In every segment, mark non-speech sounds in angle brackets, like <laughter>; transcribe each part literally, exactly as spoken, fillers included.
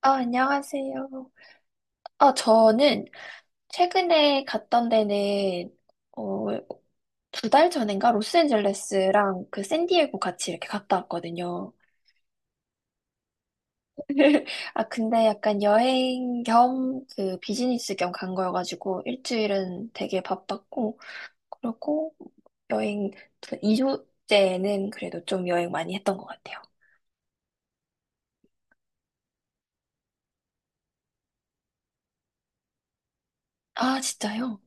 아, 안녕하세요. 아, 저는 최근에 갔던 데는, 어, 두 달 전인가? 로스앤젤레스랑 그 샌디에고 같이 이렇게 갔다 왔거든요. <laughs> 아, 근데 약간 여행 겸 그 비즈니스 겸 간 거여가지고 일주일은 되게 바빴고, 그리고 여행, 그 이 주째는 그래도 좀 여행 많이 했던 것 같아요. 아, 진짜요?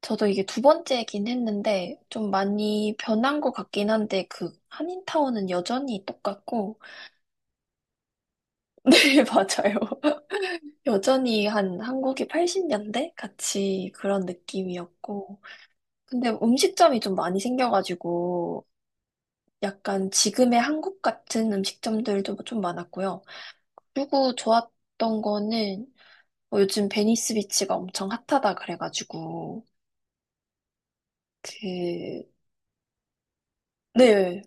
저도 이게 두 번째긴 했는데 좀 많이 변한 것 같긴 한데 그 한인타운은 여전히 똑같고 <laughs> 네, 맞아요. 여전히 한 한국이 팔십 년대 같이 그런 느낌이었고 근데 음식점이 좀 많이 생겨가지고 약간 지금의 한국 같은 음식점들도 좀 많았고요. 그리고 좋았던 거는 뭐 요즘 베니스 비치가 엄청 핫하다 그래가지고 그 네.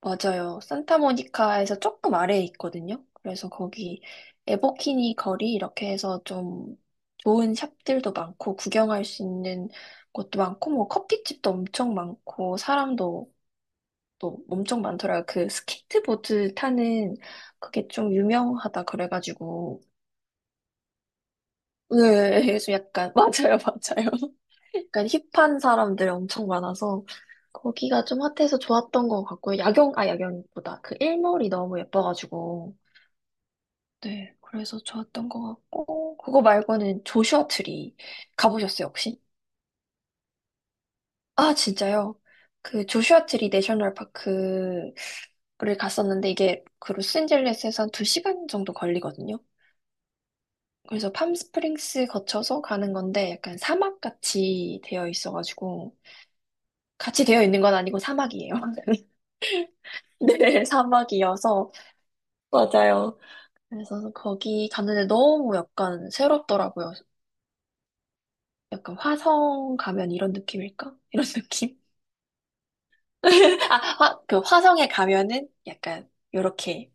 맞아요. 산타모니카에서 조금 아래에 있거든요. 그래서 거기 에버키니 거리 이렇게 해서 좀 좋은 샵들도 많고 구경할 수 있는 곳도 많고 뭐 커피집도 엄청 많고 사람도 또 엄청 많더라고요. 그 스케이트보드 타는 그게 좀 유명하다 그래가지고 네, 그래서 약간 <laughs> 맞아요, 맞아요. 약간 힙한 사람들 엄청 많아서 거기가 좀 핫해서 좋았던 것 같고요. 야경, 아, 야경보다 그 일몰이 너무 예뻐가지고. 네, 그래서 좋았던 것 같고, 그거 말고는 조슈아 트리 가보셨어요, 혹시? 아, 진짜요? 그 조슈아 트리 내셔널 파크를 갔었는데, 이게 그 로스앤젤레스에서 한 두 시간 정도 걸리거든요. 그래서 팜스프링스 거쳐서 가는 건데, 약간 사막같이 되어 있어가지고, 같이 되어 있는 건 아니고 사막이에요. <laughs> 네, 사막이어서. 맞아요. 그래서 거기 갔는데 너무 약간 새롭더라고요. 약간 화성 가면 이런 느낌일까? 이런 <laughs> 느낌? <laughs> 아, 화, 그 화성에 가면은 약간 요렇게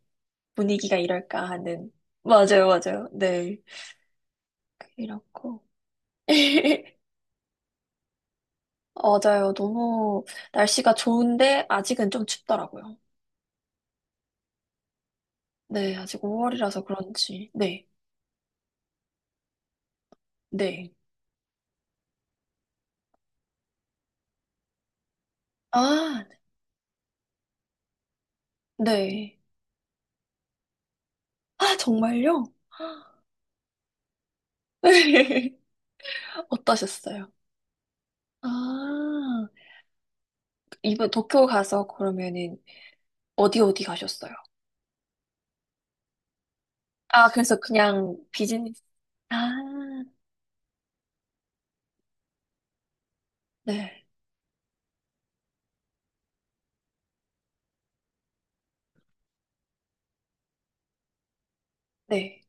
분위기가 이럴까 하는. 맞아요, 맞아요. 네. 이렇고. <laughs> 맞아요. 너무 날씨가 좋은데 아직은 좀 춥더라고요. 네, 아직 오월이라서 그런지. 네, 네. 아, 네. 아, 정말요? <laughs> 어떠셨어요? 아, 이번 도쿄 가서 그러면은 어디 어디 가셨어요? 아, 그래서 그냥 비즈니스. 아, 네, 네.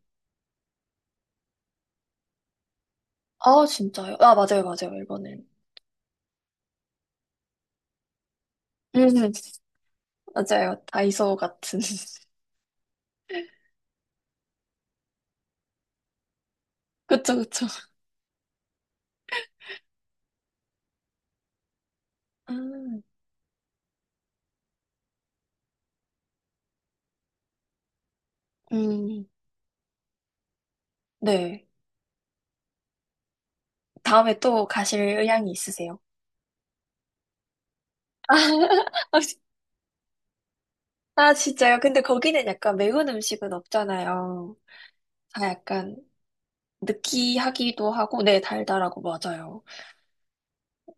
아, 진짜요? 아, 맞아요, 맞아요, 이거는. 음, <laughs> 맞아요. 다이소 같은. <laughs> 그쵸, 그쵸. 아, 음, 네. 다음에 또 가실 의향이 있으세요? <laughs> 아, 진- 아, 진짜요? 근데 거기는 약간 매운 음식은 없잖아요. 다 약간 느끼하기도 하고, 네, 달달하고, 맞아요.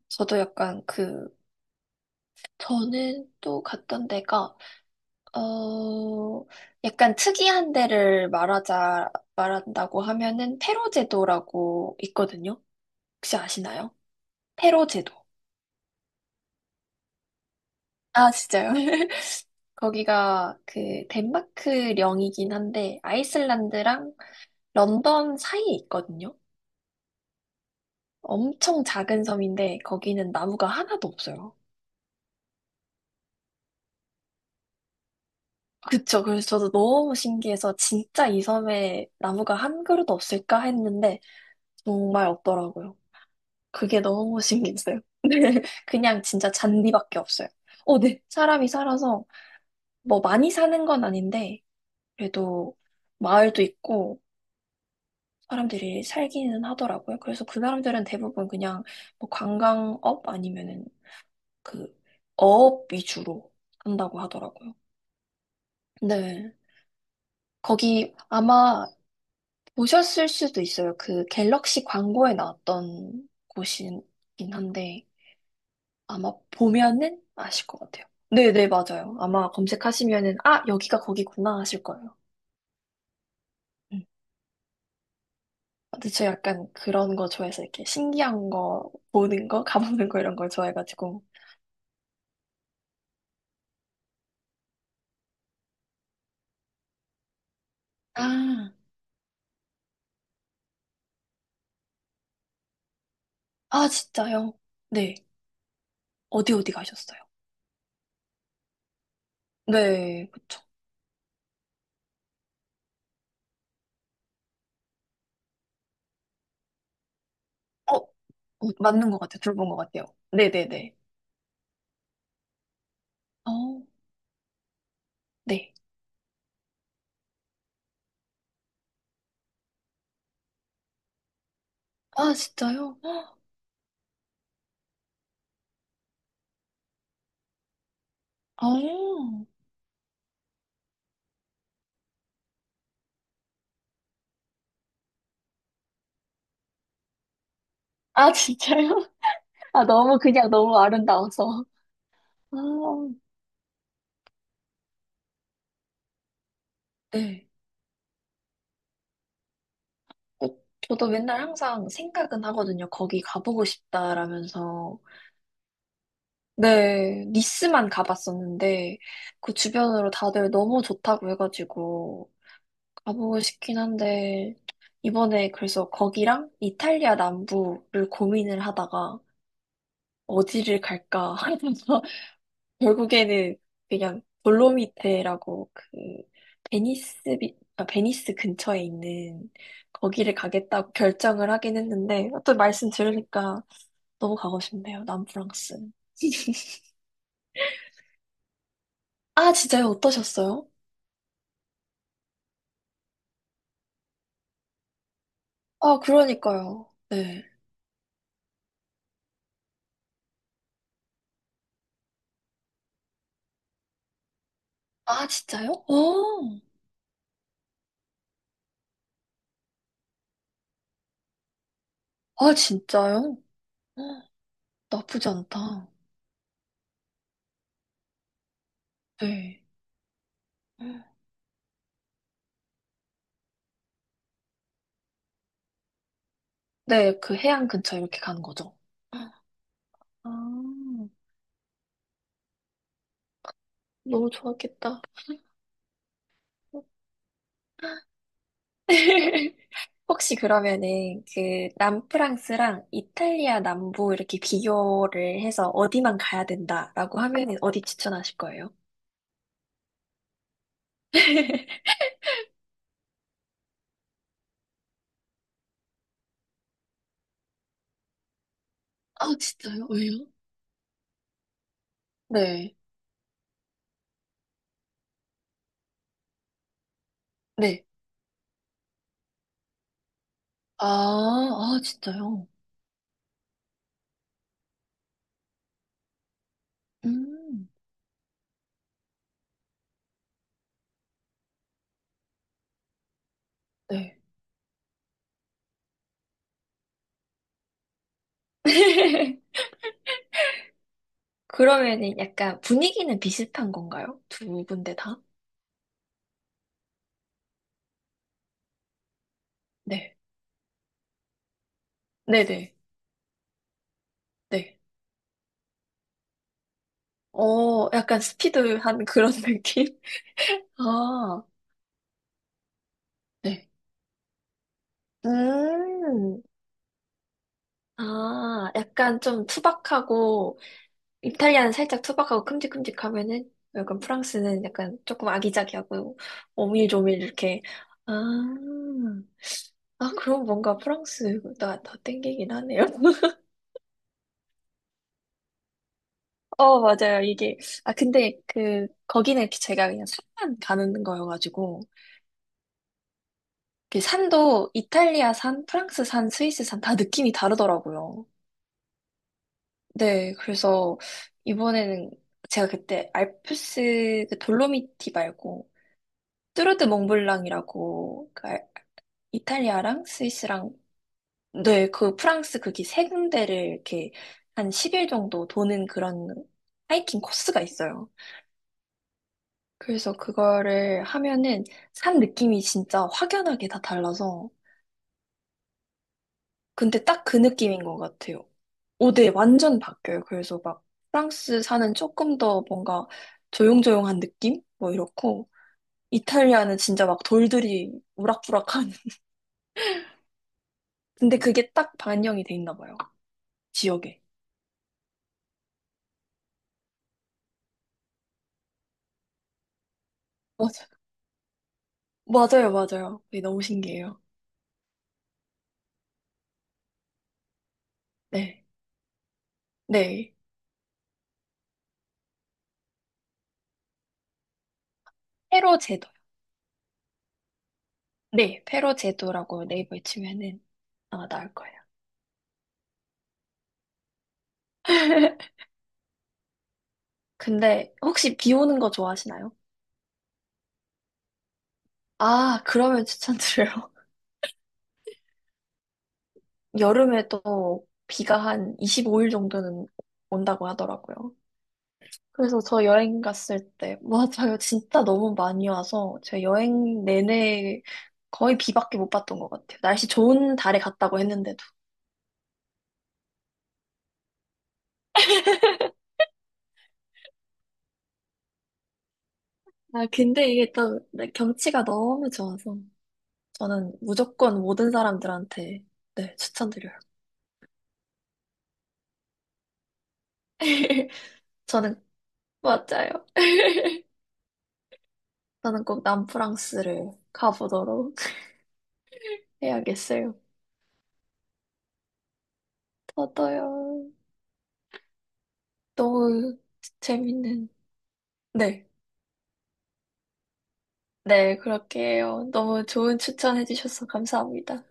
저도 약간 그, 저는 또 갔던 데가 어, 약간 특이한 데를 말하자, 말한다고 하면은 페로 제도라고 있거든요. 혹시 아시나요? 페로 제도. 아, 진짜요? <laughs> 거기가 그 덴마크령이긴 한데 아이슬란드랑 런던 사이에 있거든요. 엄청 작은 섬인데 거기는 나무가 하나도 없어요. 그쵸. 그래서 저도 너무 신기해서 진짜 이 섬에 나무가 한 그루도 없을까 했는데 정말 없더라고요. 그게 너무 신기했어요. <laughs> 네, 그냥 진짜 잔디밖에 없어요. 어, 네. 사람이 살아서 뭐 많이 사는 건 아닌데 그래도 마을도 있고 사람들이 살기는 하더라고요. 그래서 그 사람들은 대부분 그냥 뭐 관광업 아니면은 그 어업 위주로 한다고 하더라고요. 네. 거기 아마 보셨을 수도 있어요. 그 갤럭시 광고에 나왔던 곳이긴 한데 아마 보면은 아실 것 같아요. 네네, 맞아요. 아마 검색하시면은, 아, 여기가 거기구나 하실 거예요. 음. 근데 저 약간 그런 거 좋아해서 이렇게 신기한 거, 보는 거, 가보는 거 이런 걸 좋아해가지고. 아, 아, 진짜요? 네. 어디 어디 가셨어요? 네, 그쵸. 어, 어, 맞는 것 같아요. 들어본 것 같아요. 네네네. 어, 네. 아, 진짜요? 헉, 어, 아, 진짜요? <laughs> 아, 너무 그냥 너무 아름다워서. 아, 네. 어, 저도 맨날 항상 생각은 하거든요. 거기 가보고 싶다라면서. 네, 니스만 가봤었는데, 그 주변으로 다들 너무 좋다고 해가지고, 가보고 싶긴 한데, 이번에 그래서 거기랑 이탈리아 남부를 고민을 하다가, 어디를 갈까 하면서 결국에는 그냥 돌로미테라고 그 베니스 비- 아, 베니스 근처에 있는 거기를 가겠다고 결정을 하긴 했는데 또 말씀 들으니까 너무 가고 싶네요. 남프랑스. 아, 진짜요? 어떠셨어요? 아, 그러니까요. 네. 아, 진짜요? 어. 아, 진짜요? 어, 나쁘지 않다. 네. 네, 그 해안 근처 이렇게 가는 거죠. 아, 너무 좋았겠다. <laughs> 혹시 그러면은 그 남프랑스랑 이탈리아 남부 이렇게 비교를 해서 어디만 가야 된다라고 하면은 어디 추천하실 거예요? <laughs> 아, 진짜요? 왜요? 네, 네, 아, 아, 진짜요? 음, 네. <laughs> 그러면은 약간 분위기는 비슷한 건가요? 두 군데 다? 네, 네네, 네. 어, 약간 스피드한 그런 <laughs> 느낌? 아, 네. 음, 아, 약간 좀 투박하고, 이탈리아는 살짝 투박하고 큼직큼직하면은, 약간 프랑스는 약간 조금 아기자기하고, 오밀조밀 이렇게. 아, 아, 그럼 뭔가 프랑스가 더 땡기긴 하네요. <laughs> 어, 맞아요. 이게, 아, 근데 그, 거기는 제가 그냥 산만 가는 거여가지고, 그 산도 이탈리아 산, 프랑스 산, 스위스 산 다 느낌이 다르더라고요. 네, 그래서 이번에는 제가 그때 알프스 그 돌로미티 말고 뚜르드 몽블랑이라고 그 알- 이탈리아랑 스위스랑 네, 그 프랑스 거기 세 군데를 이렇게 한 십 일 정도 도는 그런 하이킹 코스가 있어요. 그래서 그거를 하면은 산 느낌이 진짜 확연하게 다 달라서 근데 딱 그 느낌인 것 같아요. 오, 네, 완전 바뀌어요. 그래서 막 프랑스 사는 조금 더 뭔가 조용조용한 느낌? 뭐 이렇고, 이탈리아는 진짜 막 돌들이 우락부락한. <laughs> 근데 그게 딱 반영이 돼 있나 봐요. 지역에. 맞아. 맞아요, 맞아요. 그게 너무 신기해요. 네. 네. 페로 제도. 네, 페로 제도라고 네이버에 치면은 아마 나올 거예요. <laughs> 근데 혹시 비 오는 거 좋아하시나요? 아, 그러면 추천드려요. 여름에 또 비가 한 이십오 일 정도는 온다고 하더라고요. 그래서 저 여행 갔을 때, <laughs> 맞아요. 진짜 너무 많이 와서 제가 여행 내내 거의 비밖에 못 봤던 것 같아요. 날씨 좋은 달에 갔다고 했는데도. 아, 근데 이게 또 경치가 너무 좋아서 저는 무조건 모든 사람들한테 네, 추천드려요. <laughs> 저는, 맞아요. 저는 꼭 남프랑스를 가보도록 <laughs> 해야겠어요. 저도요. 너무 재밌는. 네. 네, 그렇게 해요. 너무 좋은 추천해주셔서 감사합니다.